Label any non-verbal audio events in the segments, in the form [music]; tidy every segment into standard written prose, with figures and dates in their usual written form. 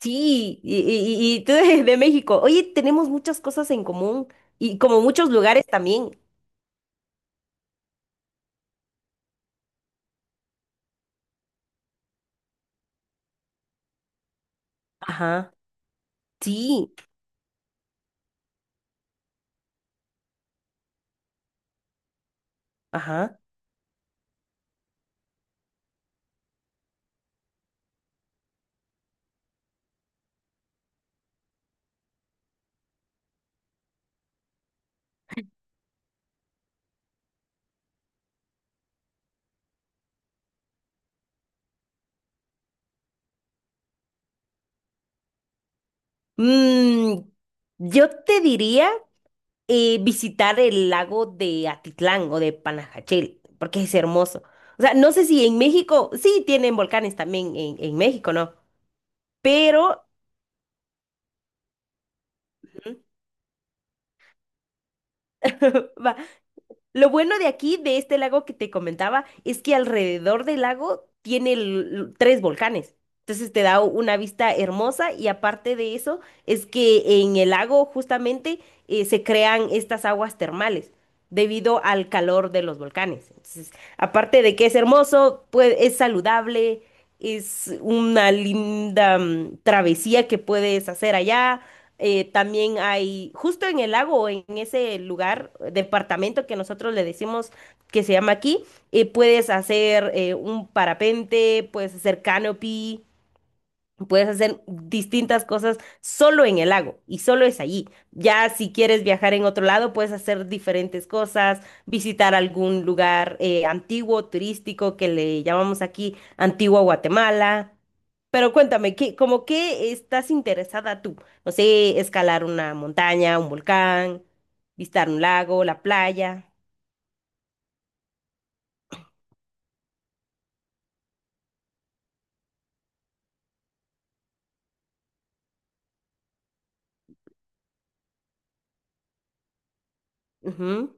Sí, y tú de México. Oye, tenemos muchas cosas en común y como muchos lugares también. Ajá, sí, ajá. Mm, yo te diría visitar el lago de Atitlán o de Panajachel, porque es hermoso. O sea, no sé si en México, sí tienen volcanes también en México, ¿no? Pero [laughs] va, lo bueno de aquí, de este lago que te comentaba, es que alrededor del lago tiene tres volcanes. Entonces te da una vista hermosa y aparte de eso, es que en el lago justamente se crean estas aguas termales debido al calor de los volcanes. Entonces, aparte de que es hermoso, pues es saludable, es una linda travesía que puedes hacer allá. También hay, justo en el lago, o en ese lugar, departamento que nosotros le decimos que se llama aquí, puedes hacer un parapente, puedes hacer canopy, puedes hacer distintas cosas solo en el lago y solo es allí. Ya si quieres viajar en otro lado, puedes hacer diferentes cosas, visitar algún lugar antiguo, turístico, que le llamamos aquí Antigua Guatemala. Pero cuéntame, ¿qué, como qué estás interesada tú? No sé, escalar una montaña, un volcán, visitar un lago, la playa. Ujú.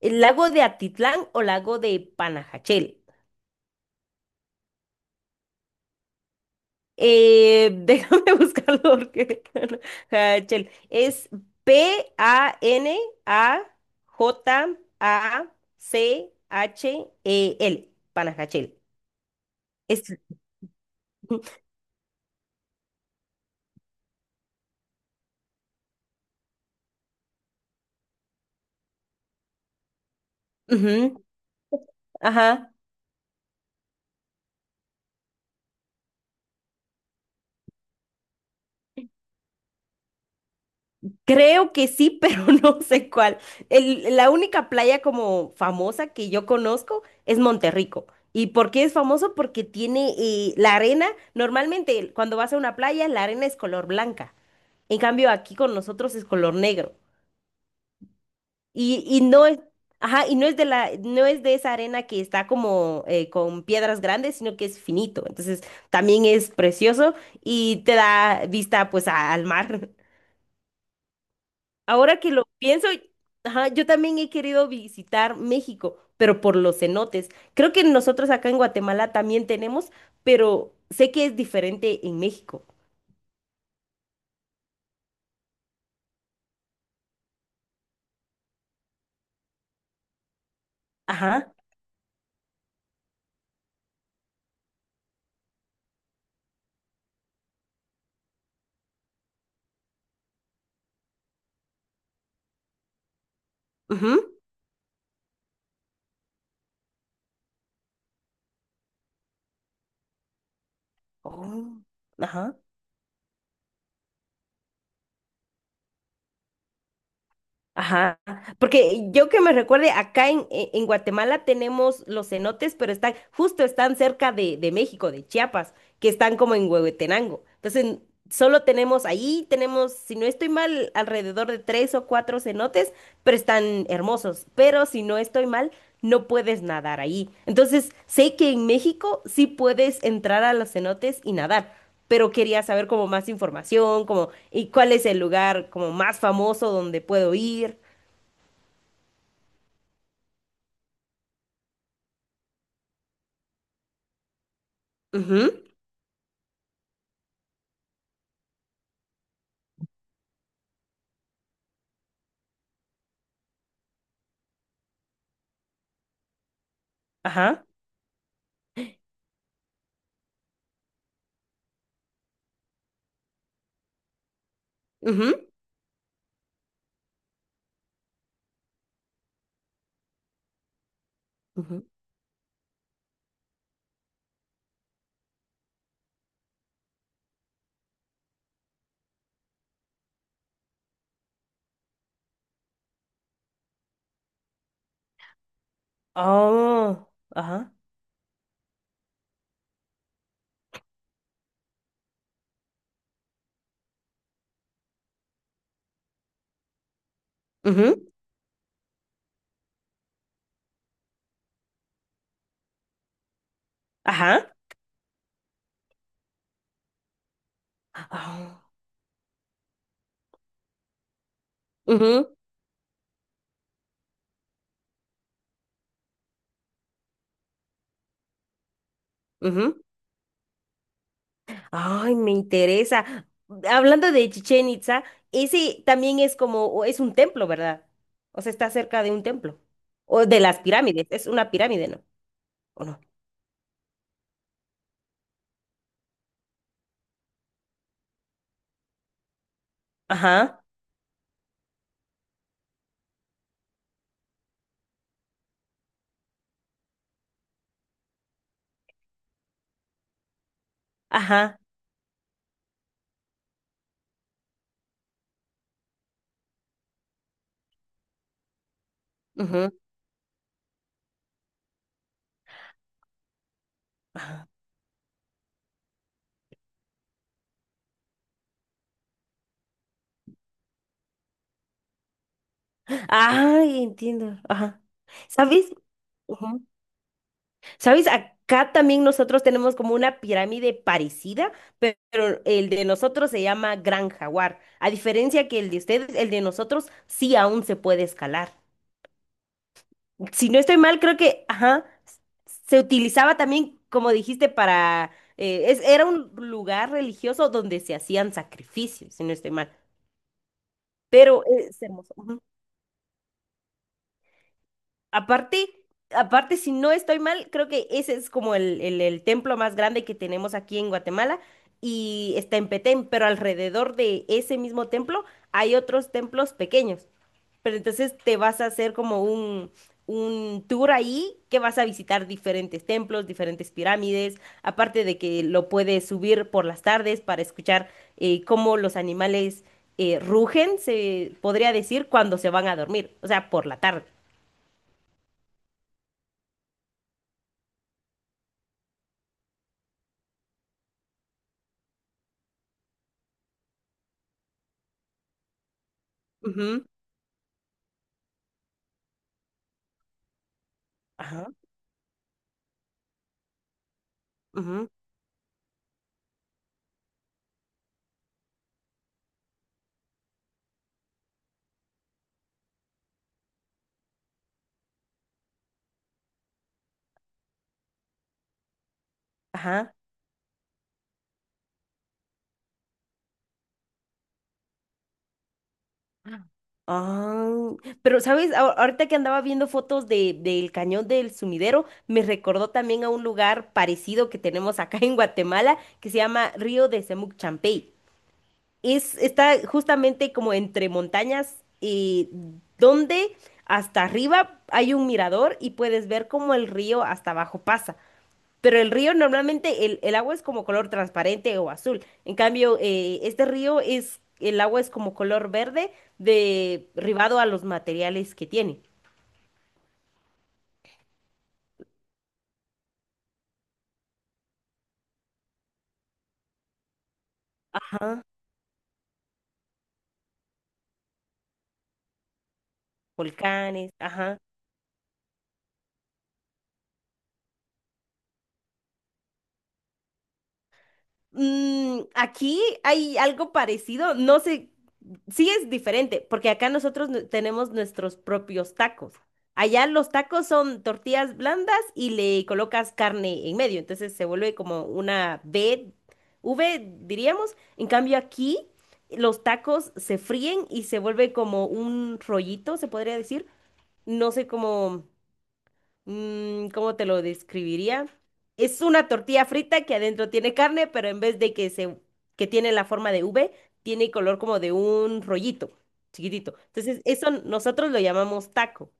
¿El lago de Atitlán o lago de Panajachel? Déjame [laughs] buscarlo porque... [laughs] Hachel. Es Panajachel. Panajachel. Es... Ujú, ajá. Creo que sí, pero [laughs] no sé cuál. La única playa como famosa que yo conozco es Monterrico. ¿Y por qué es famoso? Porque tiene la arena. Normalmente cuando vas a una playa, la arena es color blanca. En cambio, aquí con nosotros es color negro. Y, y no es, ajá, y no es de la, no es de esa arena que está como con piedras grandes, sino que es finito. Entonces también es precioso y te da vista pues al mar. [laughs] Ahora que lo pienso, ajá, yo también he querido visitar México, pero por los cenotes. Creo que nosotros acá en Guatemala también tenemos, pero sé que es diferente en México. Ajá. Ujú, oh, ajá. Ajá, porque yo que me recuerde, en Guatemala tenemos los cenotes, pero están, justo están cerca de México, de Chiapas, que están como en Huehuetenango. Entonces, solo tenemos ahí, tenemos, si no estoy mal, alrededor de tres o cuatro cenotes, pero están hermosos. Pero si no estoy mal, no puedes nadar ahí. Entonces, sé que en México sí puedes entrar a los cenotes y nadar, pero quería saber como más información, como y cuál es el lugar como más famoso donde puedo ir. Ujú, ajá. Ujú, ujú. Oh, ajá. Ujú, ajá. Ah, ujú, ujú. Ay, me interesa. Hablando de Chichén Itzá, ese también es como, o es un templo, ¿verdad? O sea, está cerca de un templo. O de las pirámides, es una pirámide, ¿no? ¿O no? Ajá, ajá, ujú, ajá. Ay, entiendo, ajá. ¿Sabes? Ujú. ¿Sabes? Acá también nosotros tenemos como una pirámide parecida, pero el de nosotros se llama Gran Jaguar. A diferencia que el de ustedes, el de nosotros sí aún se puede escalar. Si no estoy mal, creo que, ajá, se utilizaba también, como dijiste, para, era un lugar religioso donde se hacían sacrificios, si no estoy mal, pero es hermoso. Ujú. Aparte, aparte, si no estoy mal, creo que ese es como el templo más grande que tenemos aquí en Guatemala y está en Petén, pero alrededor de ese mismo templo hay otros templos pequeños. Pero entonces te vas a hacer como un tour ahí que vas a visitar diferentes templos, diferentes pirámides, aparte de que lo puedes subir por las tardes para escuchar cómo los animales rugen, se podría decir, cuando se van a dormir, o sea, por la tarde. Ujú. Ajá, ujú, ajá. Ah, pero sabes, ahorita que andaba viendo fotos de, del cañón del Sumidero, me recordó también a un lugar parecido que tenemos acá en Guatemala, que se llama Río de Semuc Champey. Es, está justamente como entre montañas, donde hasta arriba hay un mirador y puedes ver cómo el río hasta abajo pasa. Pero el río normalmente el agua es como color transparente o azul. En cambio, este río es, el agua es como color verde derivado a los materiales que tiene. Ah, volcanes, ajá. Aquí hay algo parecido, no sé, sí es diferente, porque tenemos nuestros propios tacos. Allá los tacos son tortillas blandas y le colocas carne en medio, entonces se vuelve como una V, V diríamos. En cambio aquí los tacos se fríen y se vuelve como un rollito, se podría decir. No sé cómo ¿cómo te lo describiría? Es una tortilla frita que adentro tiene carne, pero en vez de que se, que tiene la forma de V, tiene color como de un rollito, chiquitito. Entonces, eso nosotros lo llamamos taco.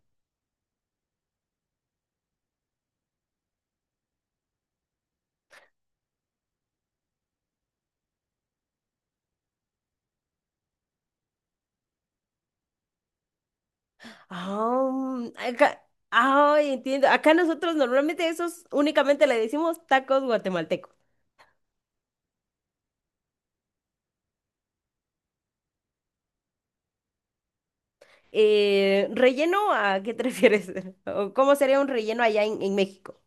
Ah, acá, ay, entiendo. Acá nosotros normalmente esos únicamente le decimos tacos guatemaltecos. ¿Relleno a qué te refieres? [laughs] ¿O cómo sería un relleno allá en México?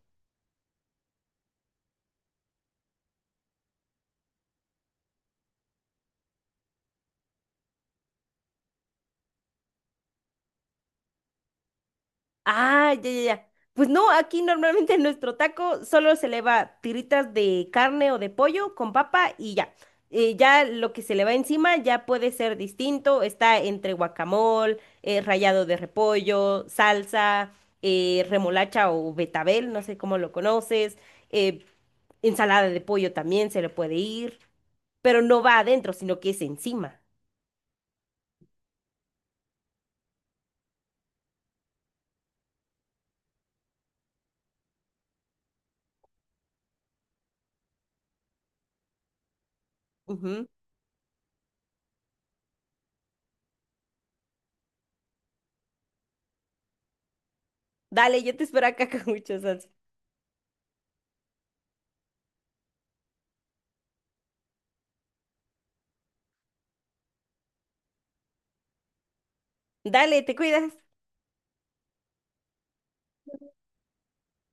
Ah, ya, ya, ya. Pues no, aquí normalmente nuestro taco solo se le va tiritas de carne o de pollo con papa y ya. Ya lo que se le va encima ya puede ser distinto. Está entre guacamole, rallado de repollo, salsa, remolacha o betabel, no sé cómo lo conoces. eh, ensalada de pollo también se le puede ir, pero no va adentro, sino que es encima. Ujú. Dale, yo te espero acá [laughs] con mucho salsa. Dale, te cuidas.